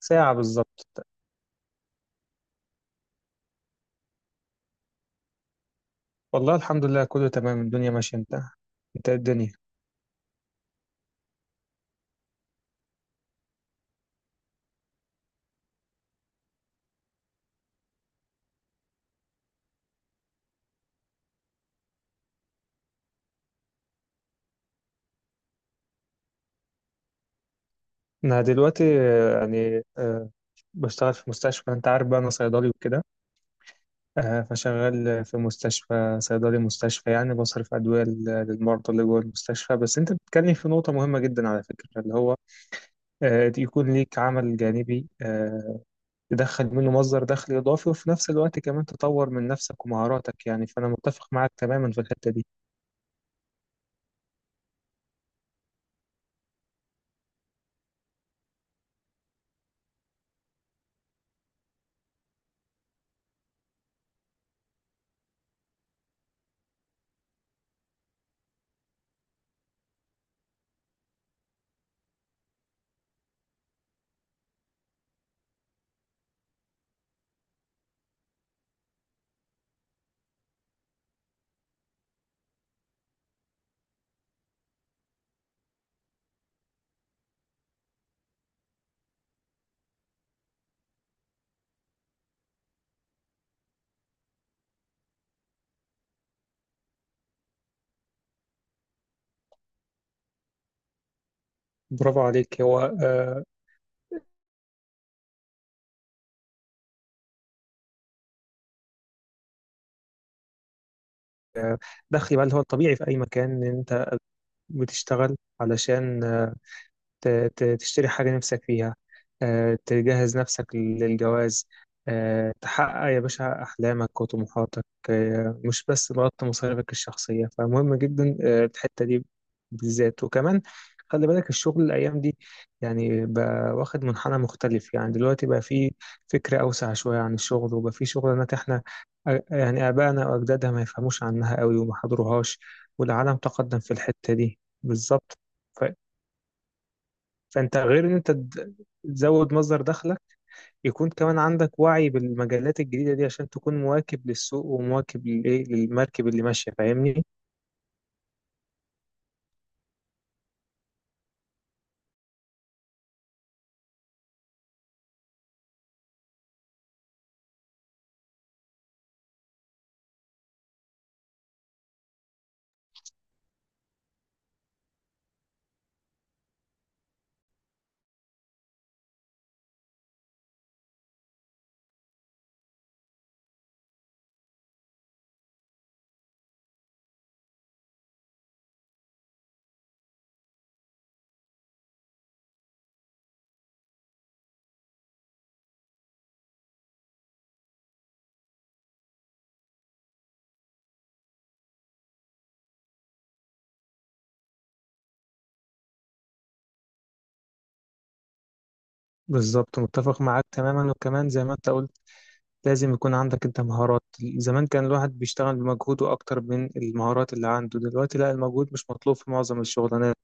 ساعة بالظبط. والله الحمد لله كله تمام، الدنيا ماشية. انت، انت إيه الدنيا؟ انا دلوقتي بشتغل في مستشفى. انت عارف بقى انا صيدلي وكده. فشغال في مستشفى، صيدلي مستشفى يعني بصرف ادوية للمرضى اللي جوه المستشفى. بس انت بتتكلم في نقطة مهمة جدا على فكرة، اللي هو يكون ليك عمل جانبي، تدخل منه مصدر دخل اضافي، وفي نفس الوقت كمان تطور من نفسك ومهاراتك. يعني فانا متفق معاك تماما في الحتة دي. برافو عليك. هو دخلي بقى اللي هو الطبيعي في أي مكان، إن أنت بتشتغل علشان ت- تشتري حاجة نفسك فيها، تجهز نفسك للجواز، تحقق يا باشا أحلامك وطموحاتك، مش بس تغطي مصاريفك الشخصية. فمهم جدا الحتة دي بالذات. وكمان خلي بالك الشغل الأيام دي يعني بقى واخد منحنى مختلف. يعني دلوقتي بقى فيه فكرة أوسع شوية عن الشغل، وبقى فيه شغلانات إحنا يعني آبائنا وأجدادنا ما يفهموش عنها قوي وما حضروهاش، والعالم تقدم في الحتة دي بالظبط. فانت غير ان انت تزود مصدر دخلك، يكون كمان عندك وعي بالمجالات الجديدة دي عشان تكون مواكب للسوق ومواكب للايه، للمركب اللي ماشية، فاهمني؟ بالظبط متفق معاك تماما. وكمان زي ما انت قلت، لازم يكون عندك انت مهارات. زمان كان الواحد بيشتغل بمجهوده اكتر من المهارات اللي عنده. دلوقتي لا، المجهود مش مطلوب في معظم الشغلانات.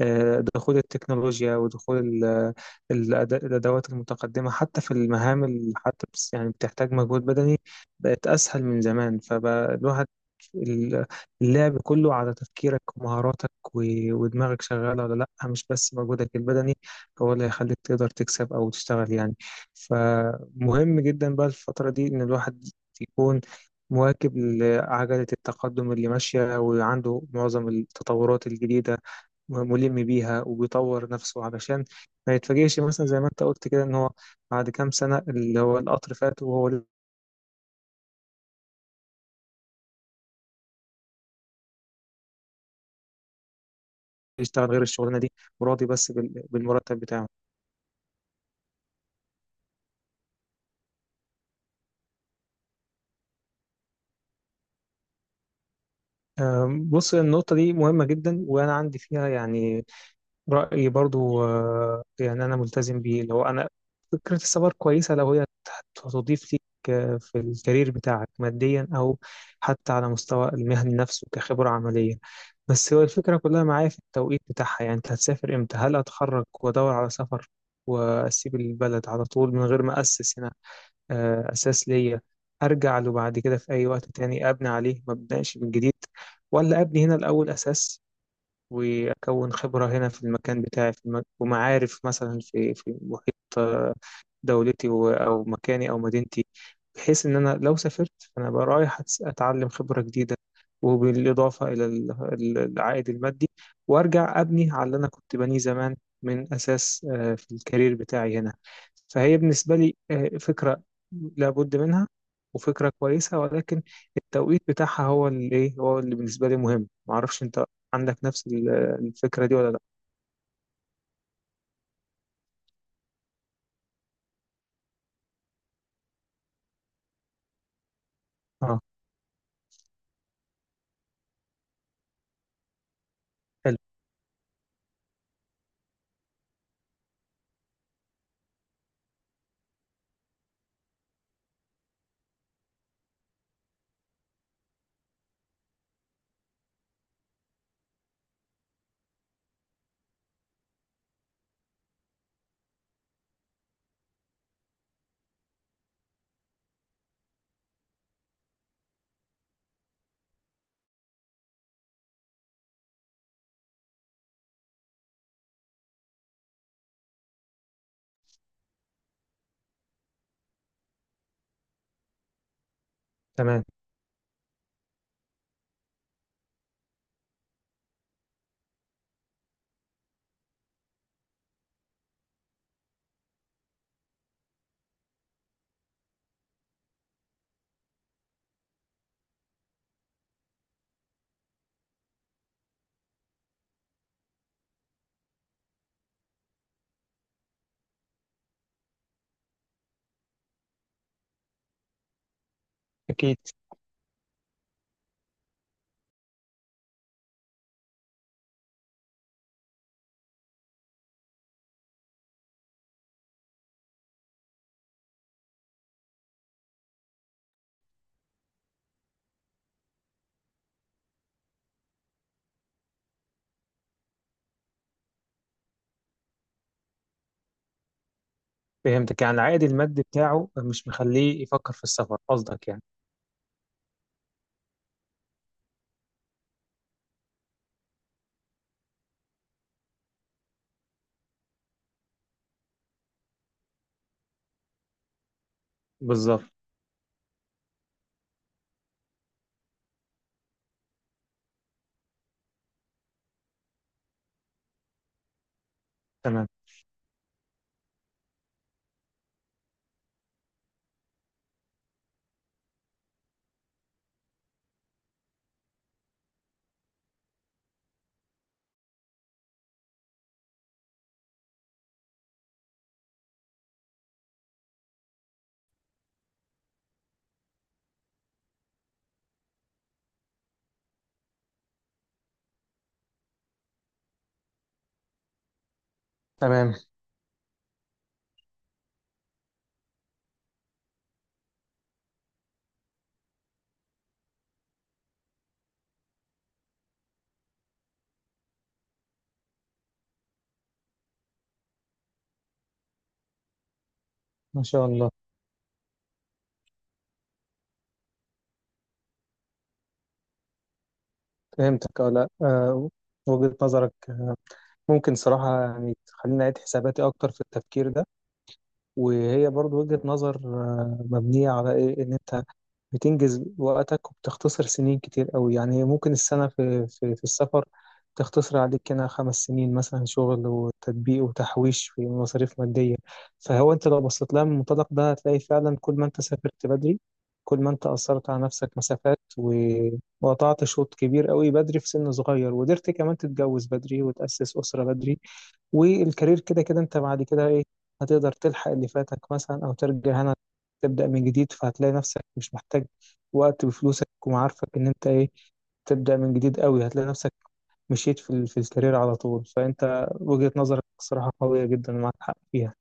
دخول التكنولوجيا ودخول ال- الأدوات المتقدمة حتى في المهام اللي حتى يعني بتحتاج مجهود بدني، بقت أسهل من زمان. فبقى الواحد ال- اللعب كله على تفكيرك ومهاراتك ودماغك شغالة ولا لأ. مش بس مجهودك البدني هو اللي هيخليك تقدر تكسب أو تشتغل يعني. فمهم جدا بقى الفترة دي إن الواحد يكون مواكب لعجلة التقدم اللي ماشية، وعنده معظم التطورات الجديدة ملم بيها وبيطور نفسه، علشان ما يتفاجئش مثلا زي ما انت قلت كده ان هو بعد كام سنة اللي هو القطر فات وهو يشتغل غير الشغلانة دي وراضي بس بالمرتب بتاعه. بص، النقطة دي مهمة جدا وأنا عندي فيها يعني رأيي برضو. يعني أنا ملتزم بيه. لو أنا، فكرة السفر كويسة لو هي هتضيف ليك في الكارير بتاعك ماديا أو حتى على مستوى المهني نفسه كخبرة عملية. بس هو الفكرة كلها معايا في التوقيت بتاعها، يعني أنت هتسافر إمتى؟ هل أتخرج وأدور على سفر وأسيب البلد على طول من غير ما أسس هنا أساس ليا أرجع له بعد كده في أي وقت تاني أبني عليه ما أبدأش من جديد؟ ولا أبني هنا الأول أساس، وأكون خبرة هنا في المكان بتاعي في المك... ومعارف مثلا في في محيط دولتي أو مكاني أو مدينتي، بحيث إن أنا لو سافرت فأنا بقى رايح أتعلم خبرة جديدة وبالإضافة إلى العائد المادي، وأرجع أبني على اللي أنا كنت بنيه زمان من أساس في الكارير بتاعي هنا. فهي بالنسبة لي فكرة لابد منها وفكرة كويسة، ولكن التوقيت بتاعها هو اللي إيه، هو اللي بالنسبة لي مهم. معرفش أنت عندك نفس الفكرة دي ولا لأ. آه، حلو، تمام، أكيد. فهمتك، يعني العائد المادي بتاعه مش مخليه يفكر في السفر قصدك يعني؟ بالظبط، تمام تمام. ما شاء الله. فهمتك. اه، لا، وجهة نظرك ممكن صراحة يعني تخليني أعيد حساباتي أكتر في التفكير ده. وهي برضو وجهة نظر مبنية على إيه، إن أنت بتنجز وقتك وبتختصر سنين كتير قوي. يعني ممكن السنة في السفر تختصر عليك هنا خمس سنين مثلا شغل وتطبيق وتحويش في مصاريف مادية. فهو أنت لو بصيت لها من المنطلق ده هتلاقي فعلا كل ما أنت سافرت بدري، كل ما أنت أثرت على نفسك مسافات وقطعت شوط كبير قوي بدري في سن صغير، وقدرت كمان تتجوز بدري وتأسس أسرة بدري. والكارير كده كده أنت بعد كده إيه، هتقدر تلحق اللي فاتك مثلا أو ترجع هنا تبدأ من جديد. فهتلاقي نفسك مش محتاج وقت بفلوسك ومعارفك إن أنت إيه تبدأ من جديد. قوي هتلاقي نفسك مشيت في الكارير على طول. فأنت وجهة نظرك صراحة قوية جدا ومعاك حق فيها.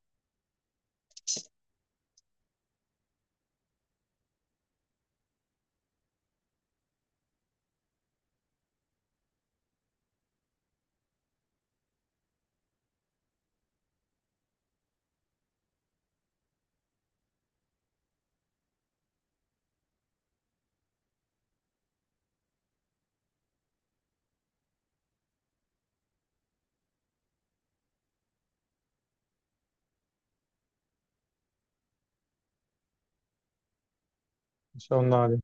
ما شاء الله عليك.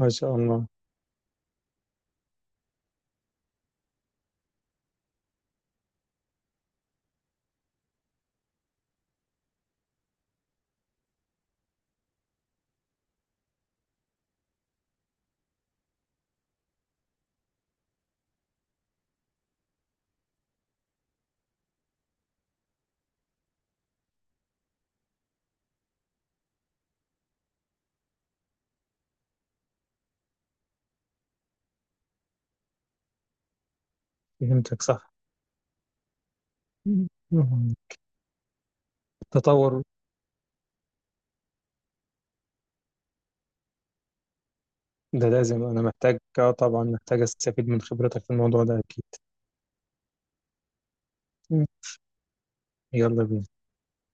ما شاء الله. فهمتك صح. مم. التطور ده لازم. أنا محتاج، آه طبعا محتاج أستفيد من خبرتك في الموضوع ده أكيد. مم. يلا بينا.